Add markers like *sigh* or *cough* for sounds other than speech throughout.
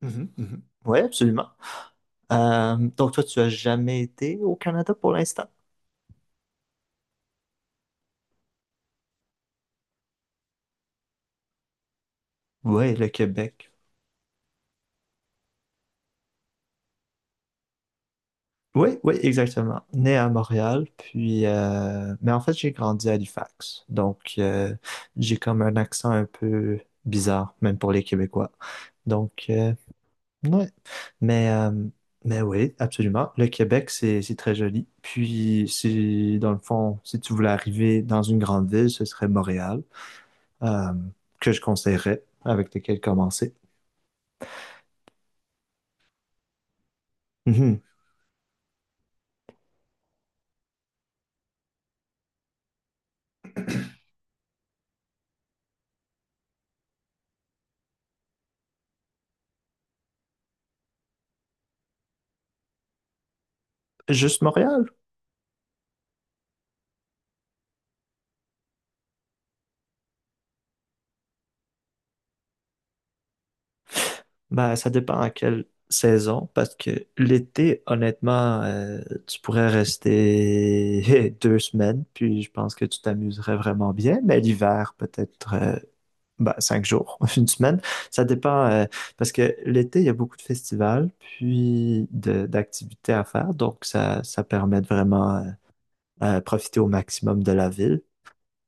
Mhm, mhm. Oui, absolument. Donc, toi, tu as jamais été au Canada pour l'instant? Oui, le Québec. Oui, oui, exactement. Né à Montréal, puis, mais en fait, j'ai grandi à Halifax. Donc, j'ai comme un accent un peu bizarre, même pour les Québécois. Donc, ouais. Mais, euh, mais oui, absolument. Le Québec, c'est très joli. Puis, si, dans le fond, si tu voulais arriver dans une grande ville, ce serait Montréal. Euh, que je conseillerais, avec lesquels commencer. Mhm. Juste Montréal? Ben, ça dépend à quelle saison, parce que l'été, honnêtement, tu pourrais rester *laughs* deux semaines, puis je pense que tu t'amuserais vraiment bien, mais l'hiver, peut-être ben, cinq jours, *laughs* une semaine. Ça dépend, parce que l'été, il y a beaucoup de festivals, puis d'activités à faire, donc ça permet de vraiment profiter au maximum de la ville.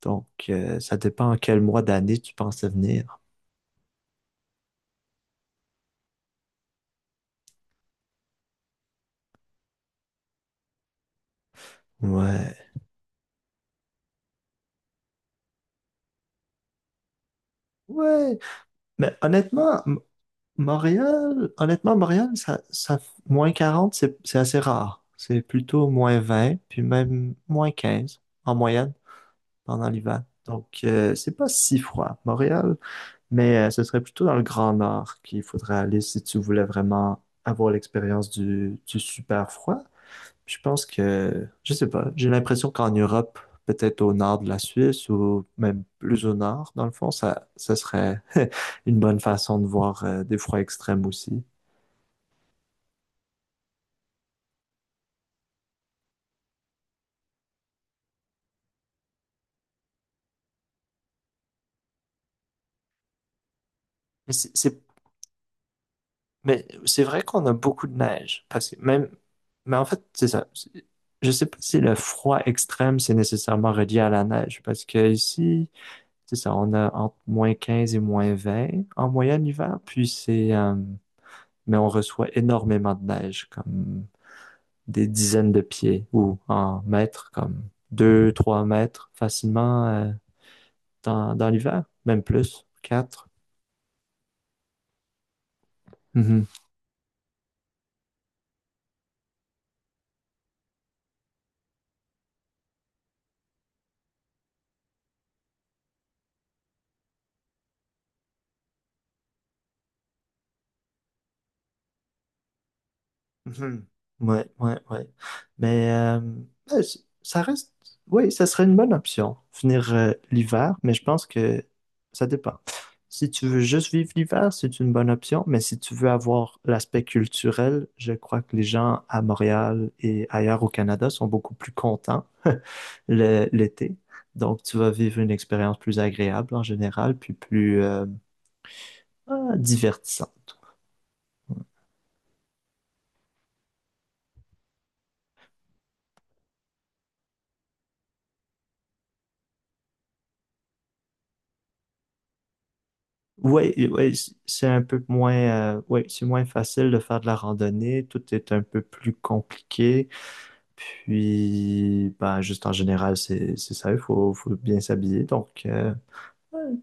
Donc, ça dépend quel mois d'année tu pensais venir. Ouais, ouais. Mais honnêtement, Montréal, honnêtement, Montréal, ça, moins 40 c'est assez rare. C'est plutôt moins 20 puis même moins 15 en moyenne pendant l'hiver. Donc, c'est pas si froid, Montréal, mais ce serait plutôt dans le Grand Nord qu'il faudrait aller si tu voulais vraiment avoir l'expérience du super froid. Je pense que, je sais pas, j'ai l'impression qu'en Europe, peut-être au nord de la Suisse ou même plus au nord, dans le fond, ça serait *laughs* une bonne façon de voir des froids extrêmes aussi. Mais c'est, c'est- mais c'est vrai qu'on a beaucoup de neige, parce que même, mais en fait, c'est ça. Je sais pas si le froid extrême, c'est nécessairement relié à la neige, parce que ici, c'est ça, on a entre moins 15 et moins 20 en moyenne l'hiver, puis mais on reçoit énormément de neige, comme des dizaines de pieds ou en mètres, comme deux, trois mètres facilement dans l'hiver, même plus, quatre. Mhm. Mhm. Ouais, ouais, ouais. Mais ouais, ça reste, oui, ça serait une bonne option, venir l'hiver, mais je pense que ça dépend. Si tu veux juste vivre l'hiver, c'est une bonne option, mais si tu veux avoir l'aspect culturel, je crois que les gens à Montréal et ailleurs au Canada sont beaucoup plus contents *laughs* l'été. Donc, tu vas vivre une expérience plus agréable en général, puis plus divertissante. Ouais, et ouais, c'est un peu moins, ouais, c'est moins facile de faire de la randonnée. Tout est un peu plus compliqué. Puis, bah, juste en général, c'est ça. Il faut bien s'habiller. Donc,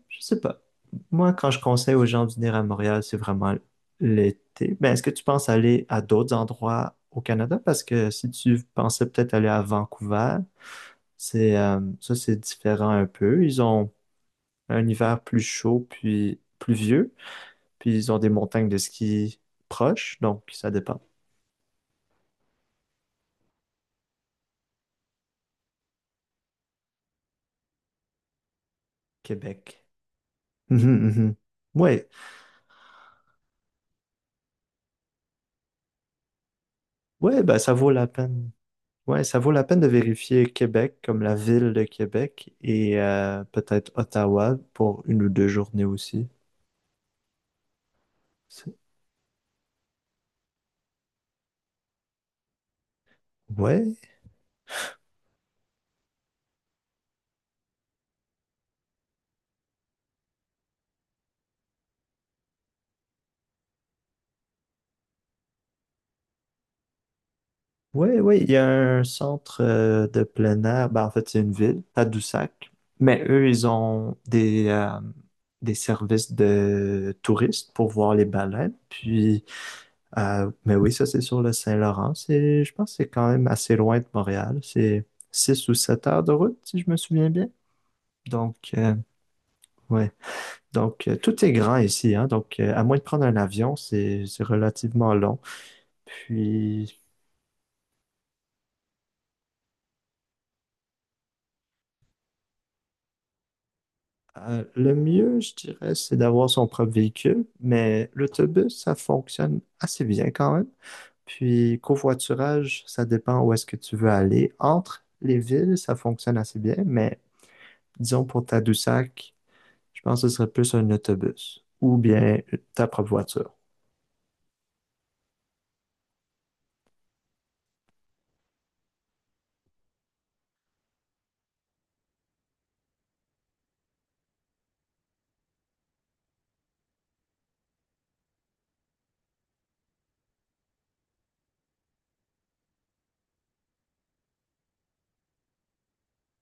je sais pas. Moi, quand je conseille aux gens de venir à Montréal, c'est vraiment l'été. Mais est-ce que tu penses aller à d'autres endroits au Canada? Parce que si tu pensais peut-être aller à Vancouver, ça, c'est différent un peu. Ils ont un hiver plus chaud puis pluvieux. Puis ils ont des montagnes de ski proches, donc ça dépend. Québec. Mhm, mhm. Ouais, ouais, bah ça vaut la peine. Ouais, ça vaut la peine de vérifier Québec comme la ville de Québec et peut-être Ottawa pour une ou deux journées aussi. C'est- Ouais, ouais, ouais. Il y a un centre de plein air. Ben, en fait, c'est une ville, Tadoussac. Mais eux, ils ont des services de touristes pour voir les baleines. Puis mais oui, ça c'est sur le Saint-Laurent. Je pense que c'est quand même assez loin de Montréal. C'est 6 ou 7 heures de route, si je me souviens bien. Donc, ouais. Donc, tout est grand ici, hein. Donc, à moins de prendre un avion, c'est relativement long. Puis, le mieux, je dirais, c'est d'avoir son propre véhicule, mais l'autobus, ça fonctionne assez bien quand même. Puis, covoiturage, ça dépend où est-ce que tu veux aller. Entre les villes, ça fonctionne assez bien, mais disons pour Tadoussac, je pense que ce serait plus un autobus ou bien ta propre voiture.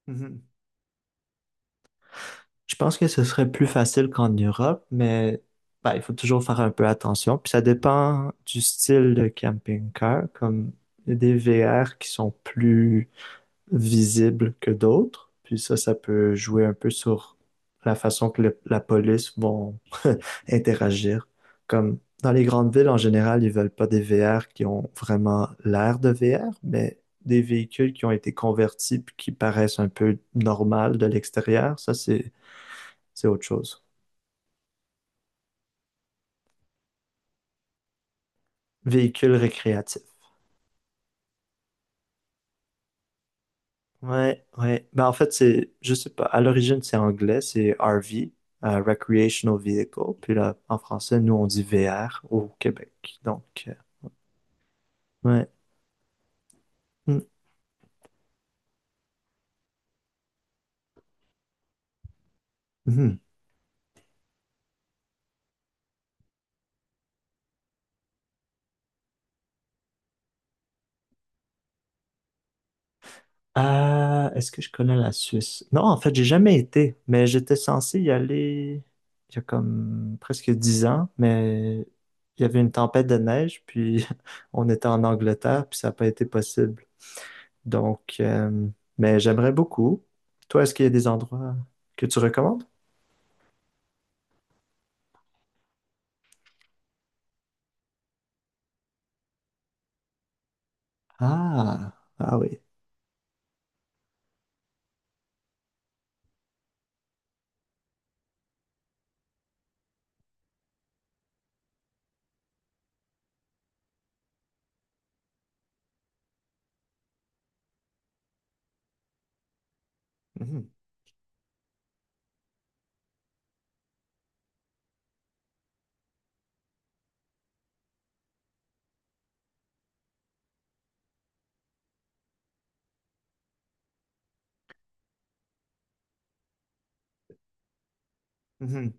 Mhm. Je pense que ce serait plus facile qu'en Europe, mais bah, il faut toujours faire un peu attention. Puis ça dépend du style de camping-car, comme il y a des VR qui sont plus visibles que d'autres. Puis ça peut jouer un peu sur la façon que la police vont *laughs* interagir. Comme dans les grandes villes, en général, ils veulent pas des VR qui ont vraiment l'air de VR, mais des véhicules qui ont été convertis puis qui paraissent un peu normal de l'extérieur. Ça, c'est autre chose. Véhicule récréatif. Ouais, ouais. Ben, en fait, c'est, je sais pas, à l'origine, c'est anglais, c'est RV, Recreational Vehicle. Puis là, en français, nous, on dit VR au Québec. Donc, ouais. Mm, mhm. Ah, est-ce que je connais la Suisse? Non, en fait, j'ai jamais été, mais j'étais censé y aller il y a comme presque 10 ans, mais il y avait une tempête de neige, puis *laughs* on était en Angleterre, puis ça n'a pas été possible. Donc, mais j'aimerais beaucoup. Toi, est-ce qu'il y a des endroits que tu recommandes? Ah, ah oui. Mhm, mhm.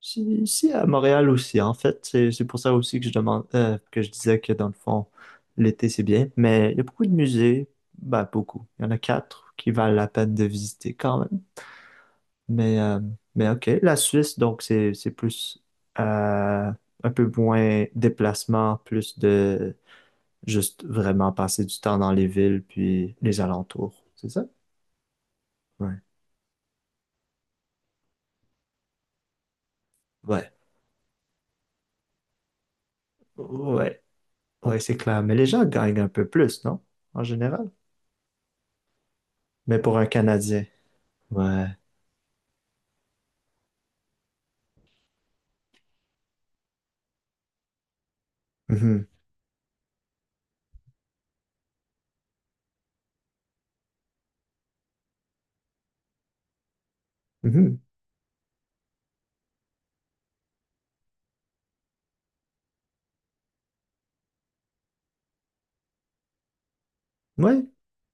Si, si, à Montréal aussi, en fait. C'est pour ça aussi que je demande, que je disais que dans le fond, l'été, c'est bien. Mais il y a beaucoup de musées. Ben, beaucoup. Il y en a 4 qui valent la peine de visiter quand même. Mais, euh, mais OK. La Suisse, donc, c'est plus, euh, un peu moins déplacement, plus de juste vraiment passer du temps dans les villes puis les alentours. C'est ça? Ouais. Ouais. Ouais. Ouais, c'est clair. Mais les gens gagnent un peu plus, non? En général. Mais pour un Canadien. Ouais. Mhm. Mhm. Ouais.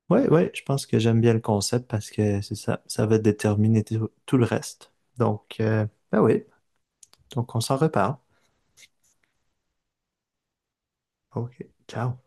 Ouais, ouais. Je pense que j'aime bien le concept parce que c'est ça. Ça va déterminer tout le reste. Donc, ben oui. Donc, on s'en reparle. OK. Ciao.